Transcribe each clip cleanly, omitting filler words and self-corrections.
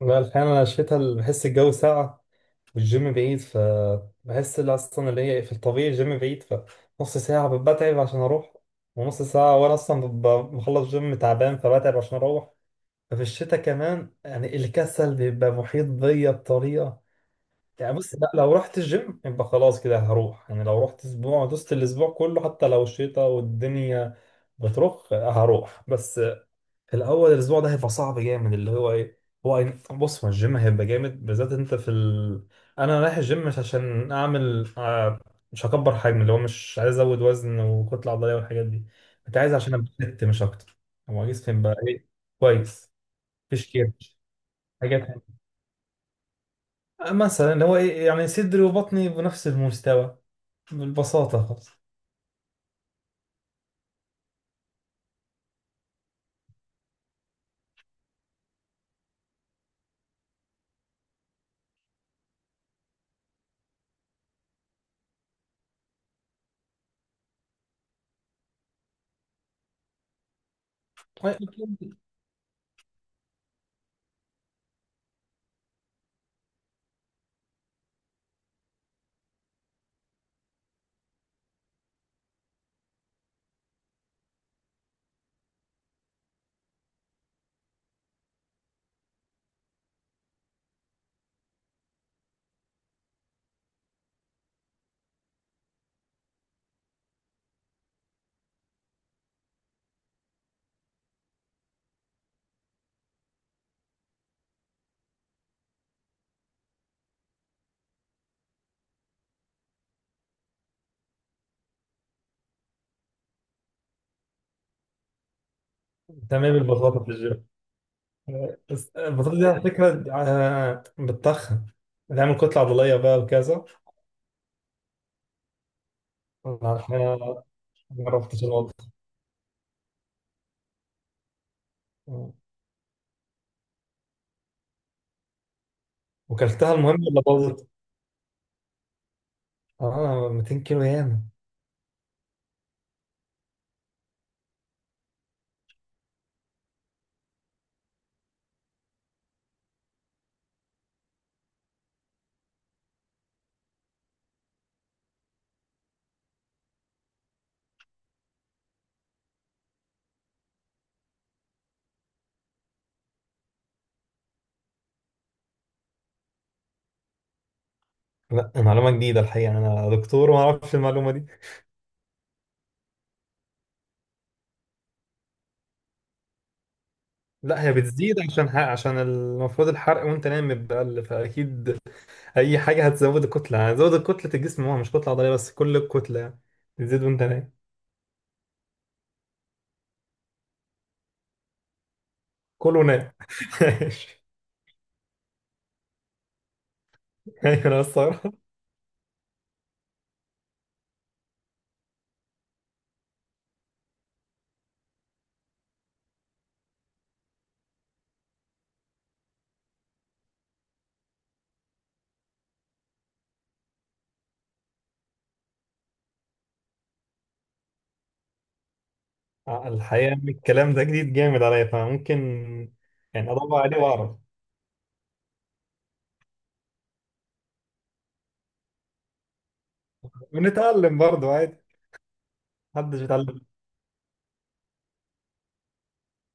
لا، الحقيقة أنا الشتا بحس الجو ساقع والجيم بعيد، فبحس اللي هي في الطبيعي الجيم بعيد. فنص ساعة بتعب عشان أروح، ونص ساعة وأنا أصلا ببقى بخلص جيم تعبان، فبتعب عشان أروح. ففي الشتا كمان يعني الكسل بيبقى محيط بيا بطريقة. يعني بص، لا لو رحت الجيم يبقى خلاص كده هروح. يعني لو رحت أسبوع دوست الأسبوع كله، حتى لو الشتا والدنيا بترخ هروح. بس الاول الاسبوع ده هيبقى صعب جامد اللي هو ايه، بص هو الجيم هيبقى جامد، بالذات انت انا رايح الجيم مش عشان اعمل مش هكبر حجم، اللي هو مش عايز ازود وزن وكتله عضليه والحاجات دي، انت عايز عشان ابلت مش اكتر. هو جسمي يبقى ايه؟ كويس، مفيش كيرش، حاجات تانية. مثلا اللي هو ايه يعني صدري وبطني بنفس المستوى، بالبساطه خالص. تمام، البساطه في الجيم، بس البساطه دي على فكره بتتخن، بتعمل كتله عضليه بقى وكذا. لا الحقيقة ما جربتش الوضع. وكلتها المهم ولا باظت؟ اه، 200 كيلو ياما. لا معلومة جديدة الحقيقة، أنا دكتور وما أعرفش المعلومة دي. لا هي بتزيد عشان حق، عشان المفروض الحرق وأنت نايم بيقل، فأكيد أي حاجة هتزود الكتلة، يعني زود كتلة الجسم، هو مش كتلة عضلية بس، كل الكتلة يعني بتزيد وأنت نايم. كله نايم ماشي. أيوة أنا الصراحة الحقيقة إن الكلام ده جديد جامد عليا، فممكن يعني أدور عليه وأعرف. بنتعلم برضه عادي، محدش بيتعلم.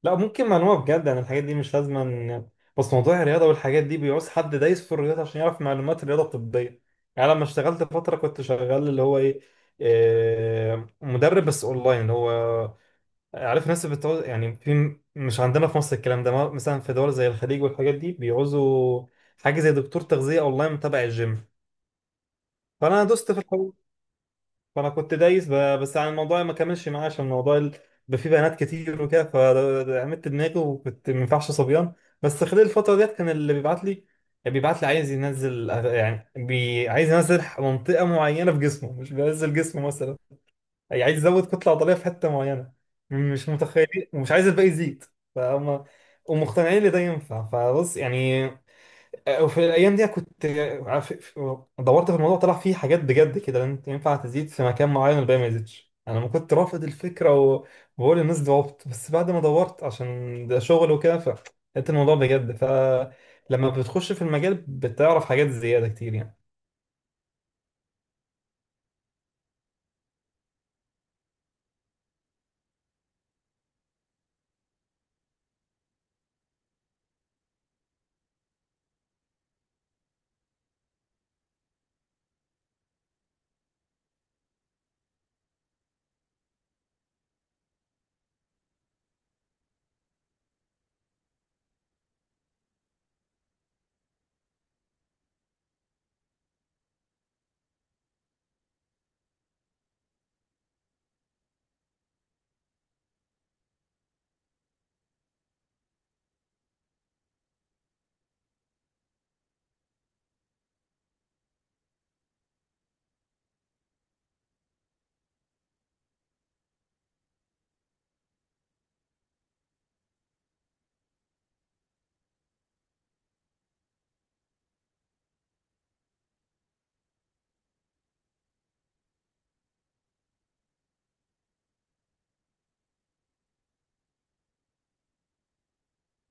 لا ممكن معلومة بجد، انا الحاجات دي مش لازم بس موضوع الرياضة والحاجات دي بيعوز حد دايس في الرياضة عشان يعرف معلومات الرياضة الطبية. يعني لما اشتغلت فترة كنت شغال اللي هو ايه، مدرب بس اونلاين، اللي هو عارف الناس بتعوز، يعني في مش عندنا في مصر الكلام ده مثلا في دول زي الخليج والحاجات دي بيعوزوا حاجة زي دكتور تغذية اونلاين تبع الجيم. فانا دوست في الحوار، فانا كنت دايس بس عن الموضوع ما كملش معايا، عشان الموضوع بقى فيه بنات كتير وكده فعملت دماغي، وكنت ما ينفعش صبيان. بس خلال الفتره ديت كان اللي بيبعت لي، يعني بيبعت لي عايز ينزل، يعني بي عايز ينزل منطقه معينه في جسمه مش بينزل جسمه مثلا، يعني عايز يزود كتله عضليه في حته معينه، مش متخيلين، ومش عايز الباقي يزيد. فهم ومقتنعين ان ده ينفع، فبص يعني. وفي الايام دي كنت عارف- دورت في الموضوع، طلع فيه حاجات بجد كده، لان انت ينفع تزيد في مكان معين والباقي ما يزيدش. انا ما كنت رافض الفكره وبقول للناس دي عبط، بس بعد ما دورت عشان ده شغل وكده فلقيت الموضوع بجد. فلما بتخش في المجال بتعرف حاجات زياده كتير يعني.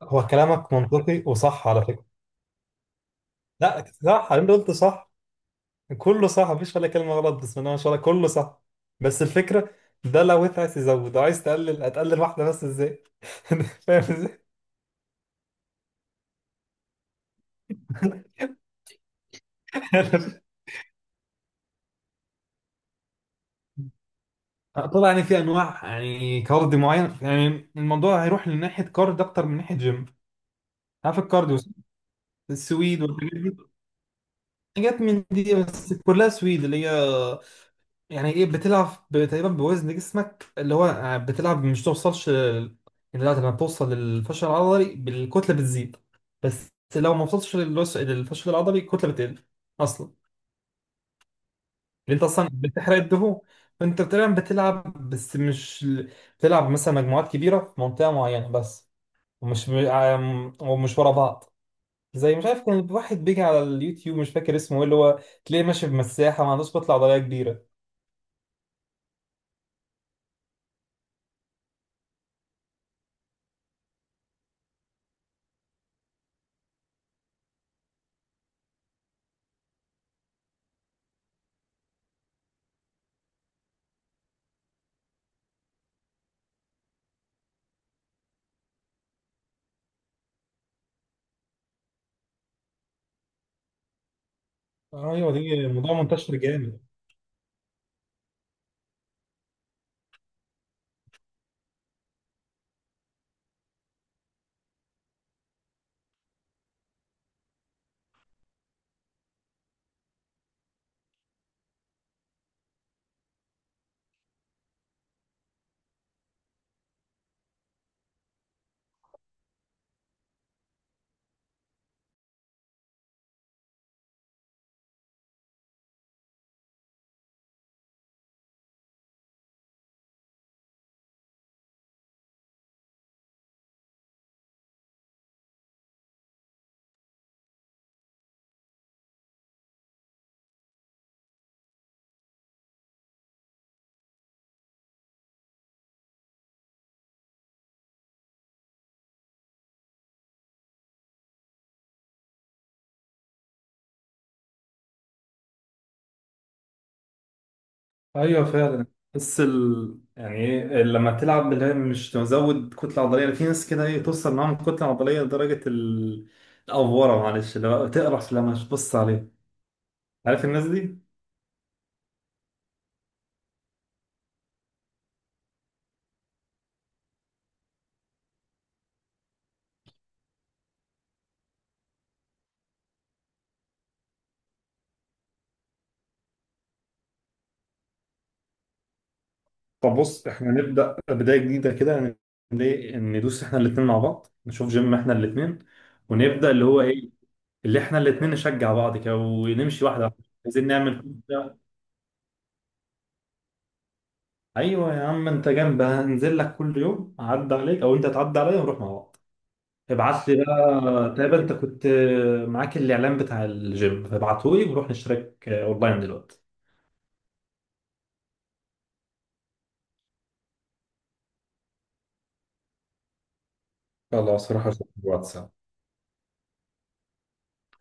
هو كلامك منطقي وصح على فكره. لا صح، اللي انت قلته صح، كله صح، مفيش ولا كلمه غلط، بسم الله ما شاء الله، كله صح. بس الفكره، ده لو انت عايز تزود عايز تقلل، هتقلل واحده بس ازاي؟ فاهم ازاي؟ طبعا يعني في انواع يعني كارديو معين، يعني الموضوع هيروح لناحيه كارد اكتر من ناحيه جيم. عارف الكارديو، السويد والحاجات دي، حاجات من دي بس كلها سويد، اللي هي يعني ايه بتلعب تقريبا بوزن جسمك، اللي هو بتلعب مش توصلش يعني لا، لما بتوصل للفشل العضلي بالكتله بتزيد، بس لو ما وصلتش للفشل العضلي الكتله بتقل اصلا، اللي انت اصلا بتحرق الدهون، فانت تقريبا بتلعب بس مش بتلعب مثلا مجموعات كبيره في منطقه معينه بس، ومش ومش ورا بعض. زي مش عارف كان واحد بيجي على اليوتيوب مش فاكر اسمه ايه، اللي هو تلاقيه ماشي بمساحه ما عندوش كتله عضليه كبيره. ايوه دي موضوع منتشر جامد. ايوه فعلا. بس يعني ايه لما تلعب اللي هي مش مزود كتله عضليه، في ناس كده ايه توصل معاهم كتله عضليه لدرجه الافوره، معلش اللي هو تقرف لما تبص عليه، عارف الناس دي. طب بص احنا نبدأ بداية جديدة كده، ندوس احنا الاتنين مع بعض، نشوف جيم احنا الاتنين ونبدأ اللي هو ايه، اللي احنا الاتنين نشجع بعض كده ونمشي واحدة واحدة، عايزين نعمل كده. ايوه يا عم، انت جنب هنزل لك كل يوم، اعدي عليك او انت تعدي عليا ونروح مع بعض. ابعت لي بقى، تقريبا انت كنت معاك الاعلان بتاع الجيم، فابعته لي ونروح نشترك اونلاين دلوقتي. خلاص هروح اشوف الواتساب.